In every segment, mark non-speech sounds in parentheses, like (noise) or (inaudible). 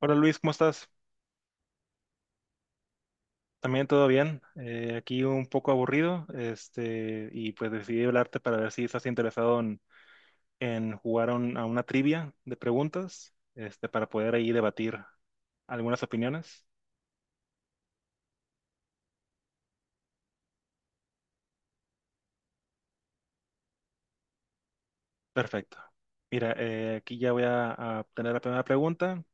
Hola Luis, ¿cómo estás? También todo bien. Aquí un poco aburrido, este, y pues decidí hablarte para ver si estás interesado en jugar a a una trivia de preguntas, este, para poder ahí debatir algunas opiniones. Perfecto. Mira, aquí ya voy a tener la primera pregunta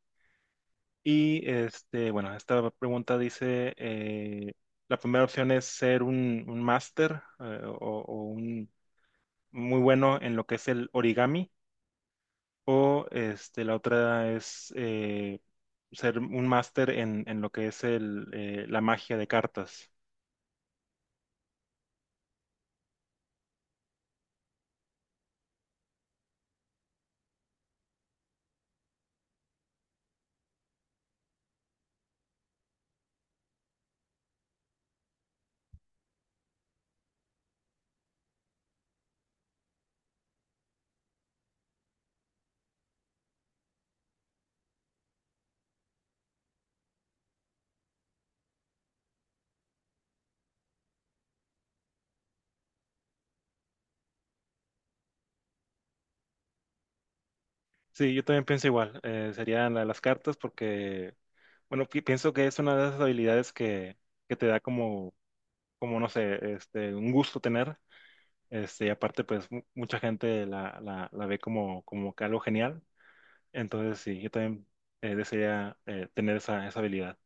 y este, bueno, esta pregunta dice, la primera opción es ser un máster o un muy bueno en lo que es el origami. O este, la otra es ser un máster en lo que es el, la magia de cartas. Sí, yo también pienso igual. Sería la de las cartas porque, bueno, pienso que es una de esas habilidades que te da como, como, no sé, este, un gusto tener. Este, y aparte, pues mucha gente la ve como, como que algo genial. Entonces, sí, yo también desearía tener esa, esa habilidad.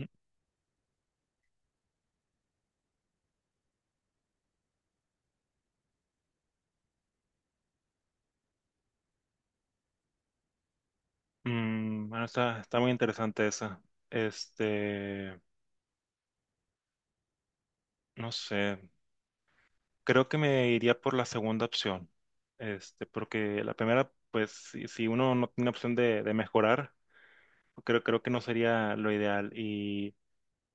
Mm, bueno, está, está muy interesante esa. Este. No sé, creo que me iría por la segunda opción, este, porque la primera, pues si uno no tiene opción de mejorar, creo, creo que no sería lo ideal. Y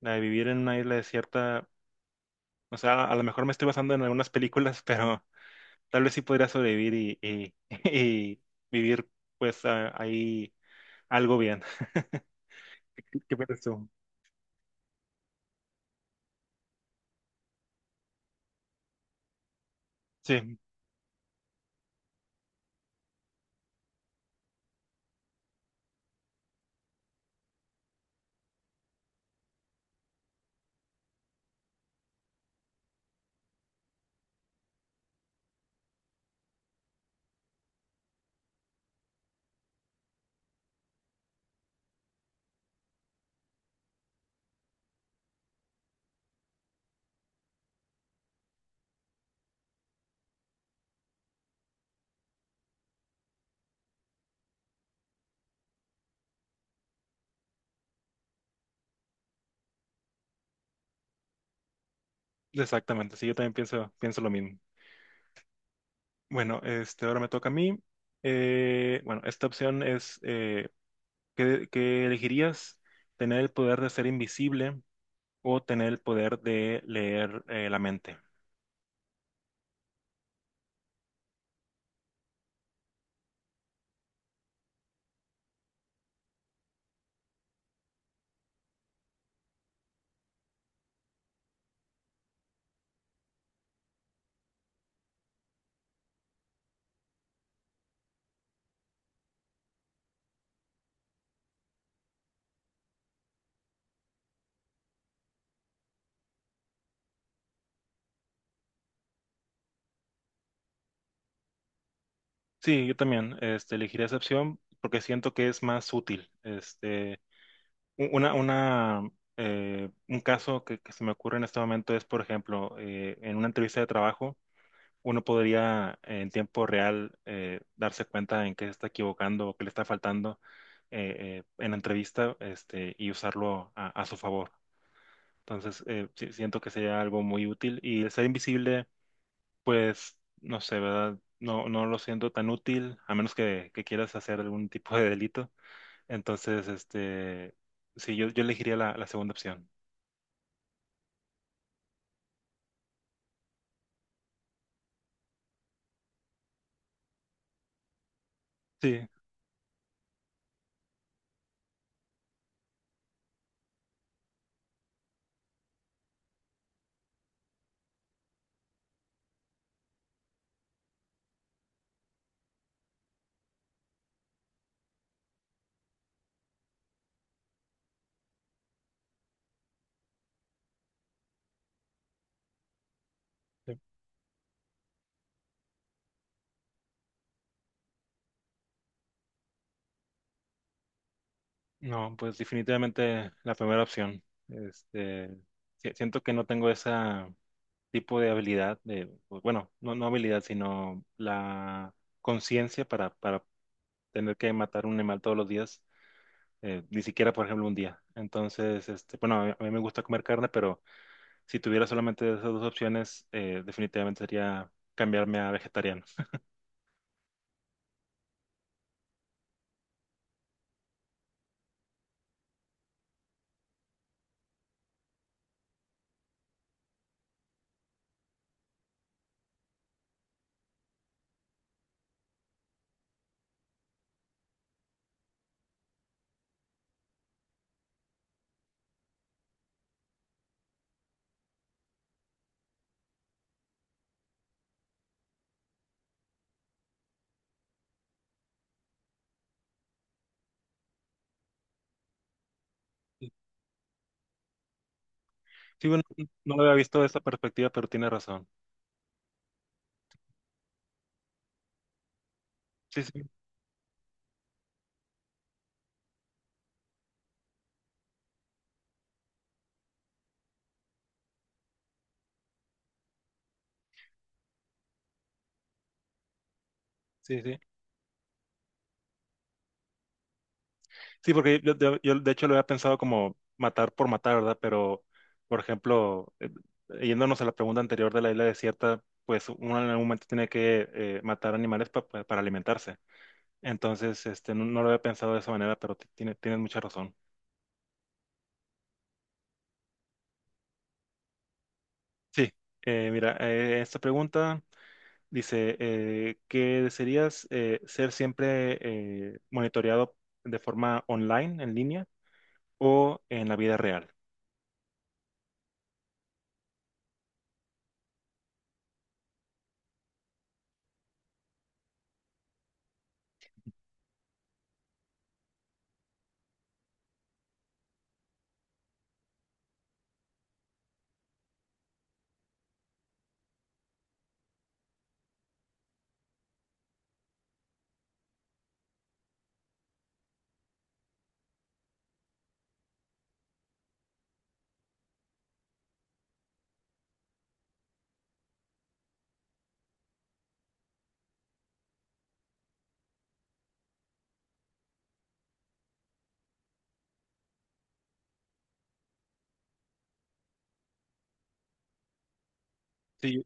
la de vivir en una isla desierta, o sea, a lo mejor me estoy basando en algunas películas, (laughs) pero tal vez sí podría sobrevivir (laughs) y vivir pues ahí algo bien. (laughs) ¿Qué piensas tú? Sí, exactamente, sí, yo también pienso, pienso lo mismo. Bueno, este, ahora me toca a mí. Bueno, esta opción es, ¿qué, qué elegirías? ¿Tener el poder de ser invisible o tener el poder de leer la mente? Sí, yo también, este, elegiría esa opción porque siento que es más útil. Este, una, un caso que se me ocurre en este momento es, por ejemplo, en una entrevista de trabajo. Uno podría en tiempo real darse cuenta en qué se está equivocando o qué le está faltando en la entrevista este, y usarlo a su favor. Entonces, siento que sería algo muy útil y el ser invisible, pues, no sé, ¿verdad? No, no lo siento tan útil, a menos que quieras hacer algún tipo de delito. Entonces, este, sí, yo elegiría la segunda opción. Sí. No, pues definitivamente la primera opción. Este, siento que no tengo ese tipo de habilidad, de, pues, bueno, no, no habilidad, sino la conciencia para tener que matar un animal todos los días, ni siquiera, por ejemplo, un día. Entonces, este, bueno, a mí me gusta comer carne, pero si tuviera solamente esas dos opciones, definitivamente sería cambiarme a vegetariano. Sí, bueno, no lo había visto de esa perspectiva, pero tiene razón. Sí, sí, sí, sí. Sí, porque yo, yo, de hecho lo había pensado como matar por matar, ¿verdad? Pero, por ejemplo, yéndonos a la pregunta anterior de la isla desierta, pues uno en algún momento tiene que matar animales para alimentarse. Entonces, este, no, no lo había pensado de esa manera, pero tienes mucha razón. Sí, mira, esta pregunta dice, ¿que desearías ser siempre monitoreado de forma online, en línea, o en la vida real? Sí,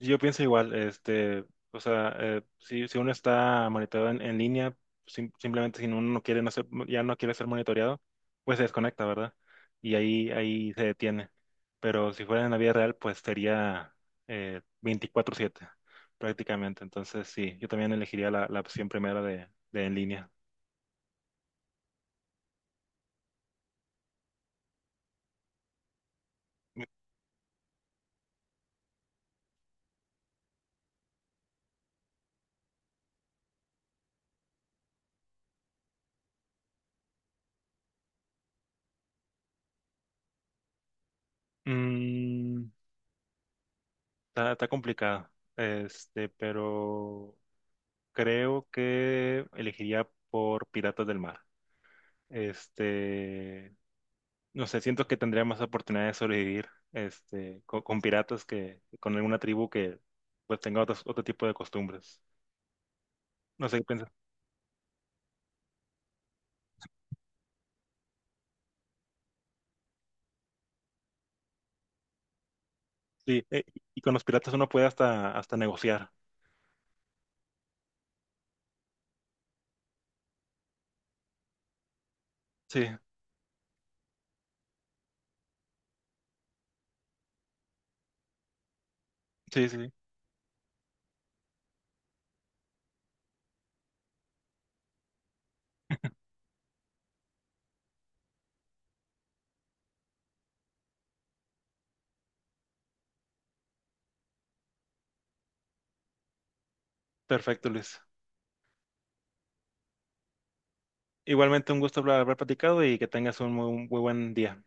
yo pienso igual, este, o sea, si uno está monitoreado en línea, simplemente si uno no quiere, ya no quiere ser monitoreado, pues se desconecta, ¿verdad? Ahí se detiene. Pero si fuera en la vida real, pues sería 24/7 prácticamente. Entonces, sí, yo también elegiría la opción primera de en línea. Mm, está, está complicado, este, pero creo que elegiría por Piratas del Mar. Este, no sé, siento que tendría más oportunidad de sobrevivir, este, con piratas que con alguna tribu que pues tenga otro tipo de costumbres. No sé qué piensas. Sí, y con los piratas uno puede hasta, hasta negociar. Sí, sí, sí. Perfecto, Luis. Igualmente un gusto haber, haber platicado y que tengas un muy, muy buen día.